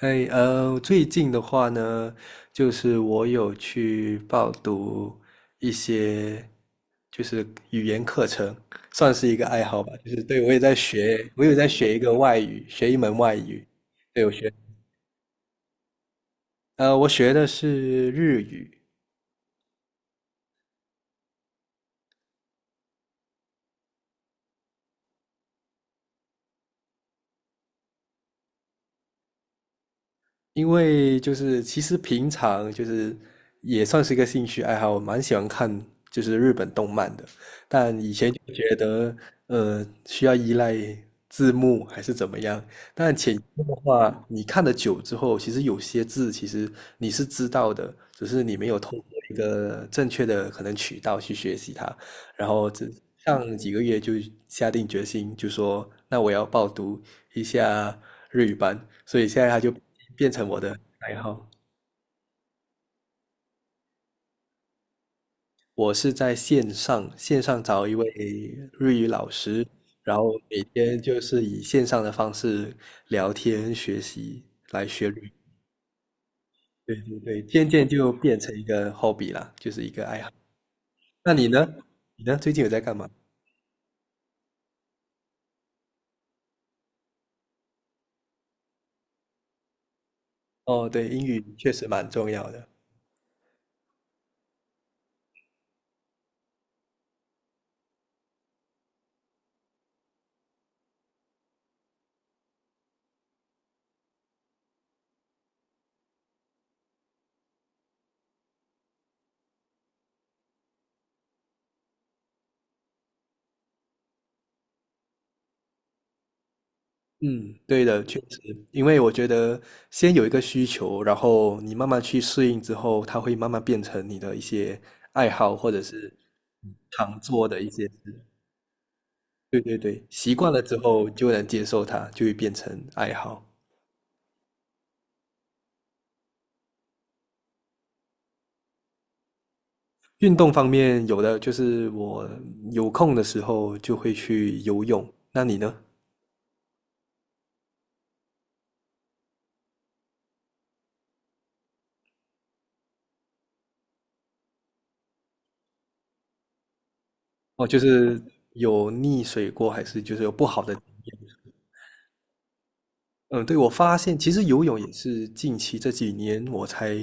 哎，最近的话呢，就是我有去报读一些，就是语言课程，算是一个爱好吧。就是对，我也在学，我有在学一个外语，学一门外语。对，我学的是日语。因为就是其实平常就是也算是一个兴趣爱好，我蛮喜欢看就是日本动漫的，但以前就觉得需要依赖字幕还是怎么样，但潜移的话，你看的久之后，其实有些字其实你是知道的，只是你没有通过一个正确的可能渠道去学习它，然后这上几个月就下定决心，就说那我要报读一下日语班，所以现在他就变成我的爱好。我是在线上线上找一位日语老师，然后每天就是以线上的方式聊天学习来学日语。对对对，渐渐就变成一个 hobby 啦，就是一个爱好。那你呢？你呢？最近有在干嘛？哦，对，英语确实蛮重要的。嗯，对的，确实，因为我觉得先有一个需求，然后你慢慢去适应之后，它会慢慢变成你的一些爱好，或者是常做的一些事。对对对，习惯了之后就能接受它，就会变成爱好。运动方面，有的就是我有空的时候就会去游泳。那你呢？哦，就是有溺水过，还是就是有不好的？嗯，对，我发现其实游泳也是近期这几年我才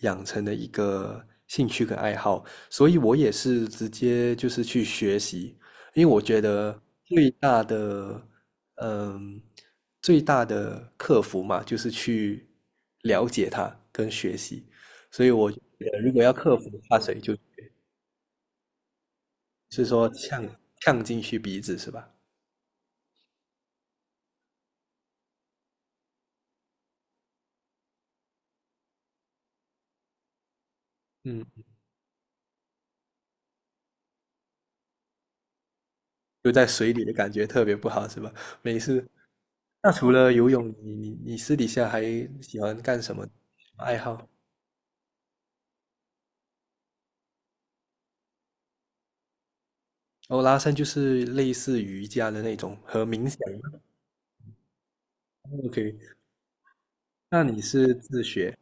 养成的一个兴趣跟爱好，所以我也是直接就是去学习，因为我觉得最大的，嗯，最大的克服嘛，就是去了解它跟学习，所以我觉得如果要克服怕水就，就是说呛进去鼻子是吧？嗯，就在水里的感觉特别不好是吧？没事。那除了游泳，你私底下还喜欢干什么爱好？哦，拉伸就是类似瑜伽的那种和冥想吗。OK，那你是自学？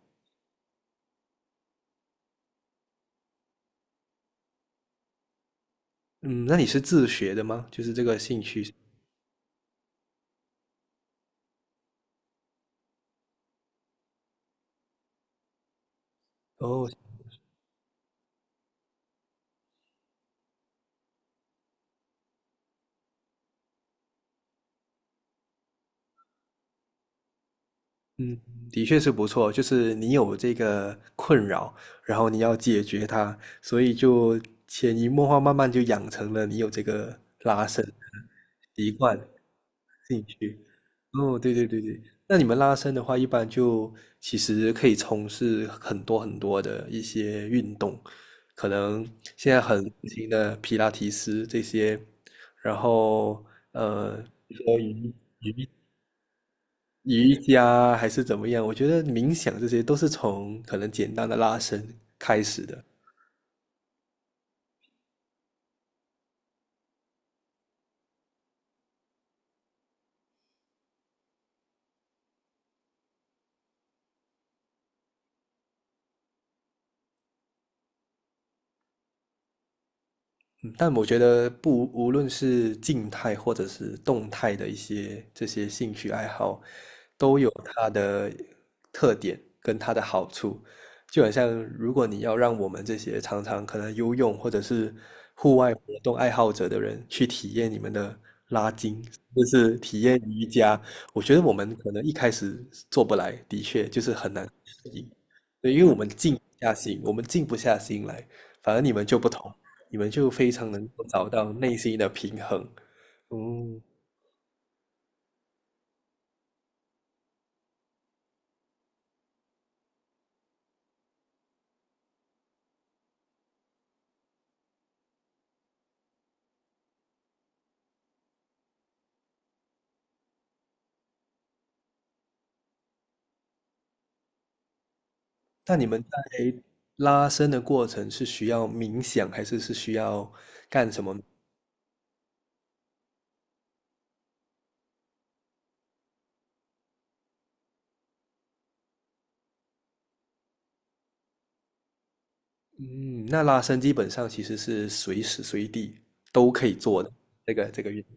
嗯，那你是自学的吗？就是这个兴趣。哦，嗯，的确是不错。就是你有这个困扰，然后你要解决它，所以就潜移默化，慢慢就养成了你有这个拉伸的习惯。自己去。哦，对对对对，那你们拉伸的话，一般就其实可以从事很多很多的一些运动，可能现在很流行的皮拉提斯这些，然后呃，比如说瑜瑜伽还是怎么样，我觉得冥想这些都是从可能简单的拉伸开始的。嗯，但我觉得不，无论是静态或者是动态的一些这些兴趣爱好，都有它的特点跟它的好处。就好像，如果你要让我们这些常常可能游泳或者是户外活动爱好者的人去体验你们的拉筋，就是体验瑜伽，我觉得我们可能一开始做不来，的确就是很难适应。我们静不下心来。反而你们就不同，你们就非常能够找到内心的平衡。嗯，那你们在拉伸的过程是需要冥想，还是是需要干什么？嗯，那拉伸基本上其实是随时随地都可以做的，这个这个运动，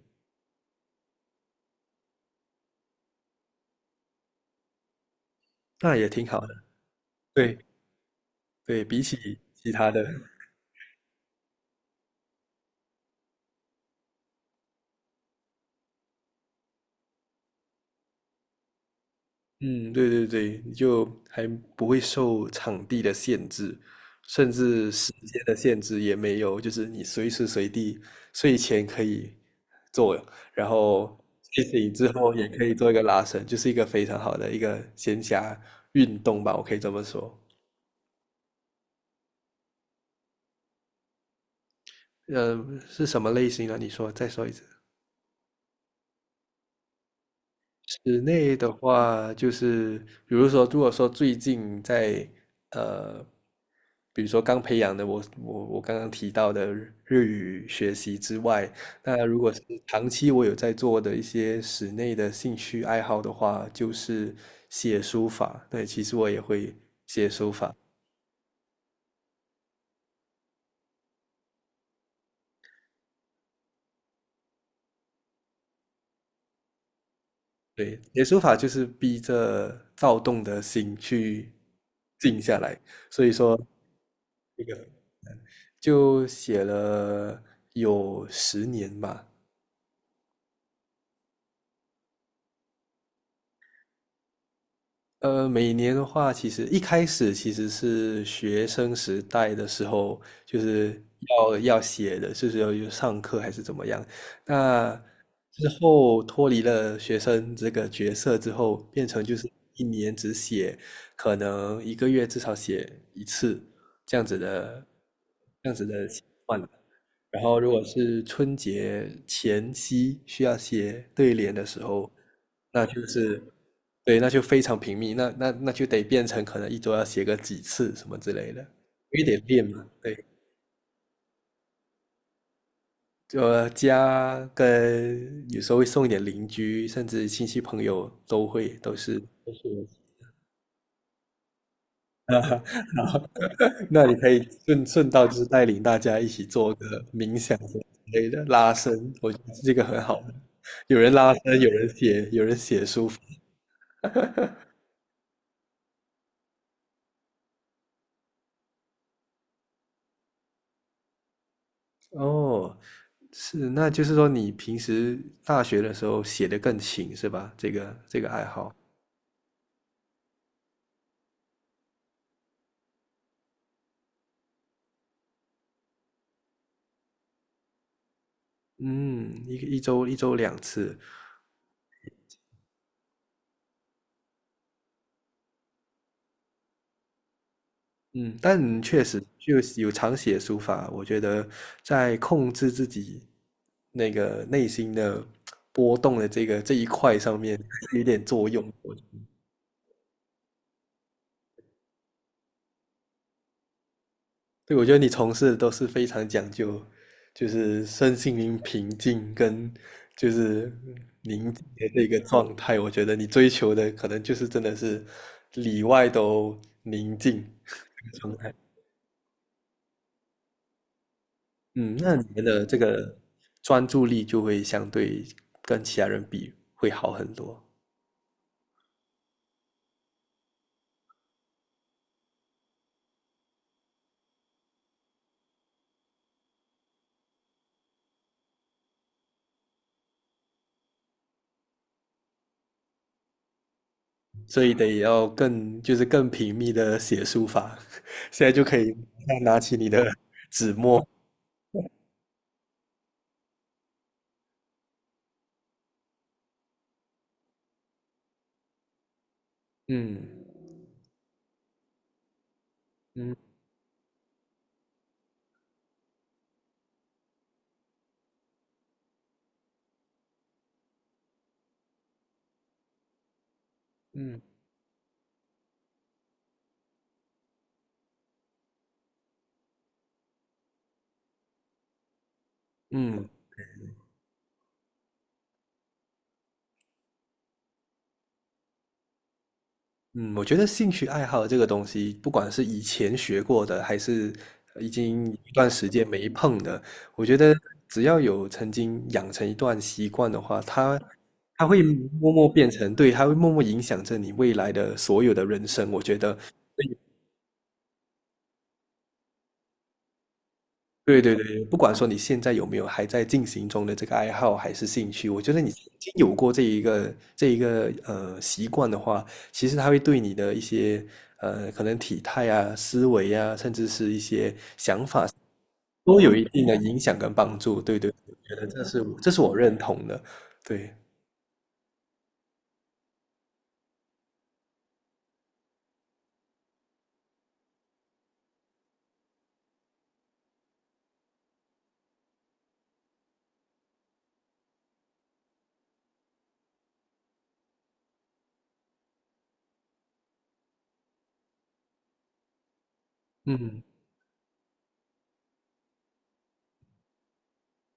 那也挺好的。对对，比起其他的。嗯，对对对，就还不会受场地的限制，甚至时间的限制也没有，就是你随时随地睡前可以做，然后睡醒之后也可以做一个拉伸，就是一个非常好的一个闲暇运动吧，我可以这么说。是什么类型呢？你说，再说一次。室内的话，就是比如说，如果说最近在呃，比如说刚培养的我刚刚提到的日语学习之外，那如果是长期我有在做的一些室内的兴趣爱好的话，就是写书法。对，其实我也会写书法。对，写书法就是逼着躁动的心去静下来，就写了有10年吧。每年的话，其实一开始其实是学生时代的时候，就是要写的，就是要有上课还是怎么样。那之后脱离了学生这个角色之后，变成就是一年只写，可能一个月至少写一次这样子的，这样子的习惯。然后如果是春节前夕需要写对联的时候，那就是对，那就非常频密，那就得变成可能一周要写个几次什么之类的，因为得练嘛。对，就家跟有时候会送一点邻居，甚至亲戚朋友都会都是。啊，好，那你可以顺顺道就是带领大家一起做个冥想什么之类的拉伸，我觉得这个很好的有人拉伸，有人写，有人写书法。哦，是，那就是说你平时大学的时候写的更勤是吧？这个这个爱好，嗯，一周两次。嗯，但确实就是有常写书法，我觉得在控制自己那个内心的波动的这个这一块上面是有点作用。对，我觉得你从事的都是非常讲究，就是身心灵平静跟就是宁静的这个状态。我觉得你追求的可能就是真的是里外都宁静。状态。嗯，那你们的这个专注力就会相对跟其他人比会好很多，所以得要更就是更频密的写书法。现在就可以拿起你的纸墨，嗯嗯嗯嗯，嗯，我觉得兴趣爱好这个东西，不管是以前学过的，还是已经一段时间没碰的，我觉得只要有曾经养成一段习惯的话，它会默默变成，对，它会默默影响着你未来的所有的人生。我觉得，对对对，不管说你现在有没有还在进行中的这个爱好还是兴趣，我觉得你曾经有过这一个习惯的话，其实它会对你的一些可能体态啊、思维啊，甚至是一些想法都有一定的影响跟帮助。对对，我觉得这是我认同的。对，嗯，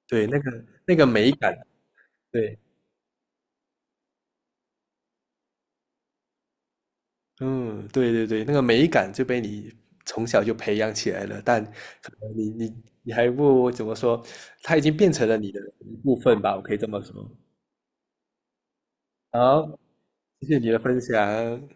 对，那个那个美感，对。嗯，对对对，那个美感就被你从小就培养起来了，但可能你还不怎么说，它已经变成了你的一部分吧，我可以这么说。好，谢谢你的分享。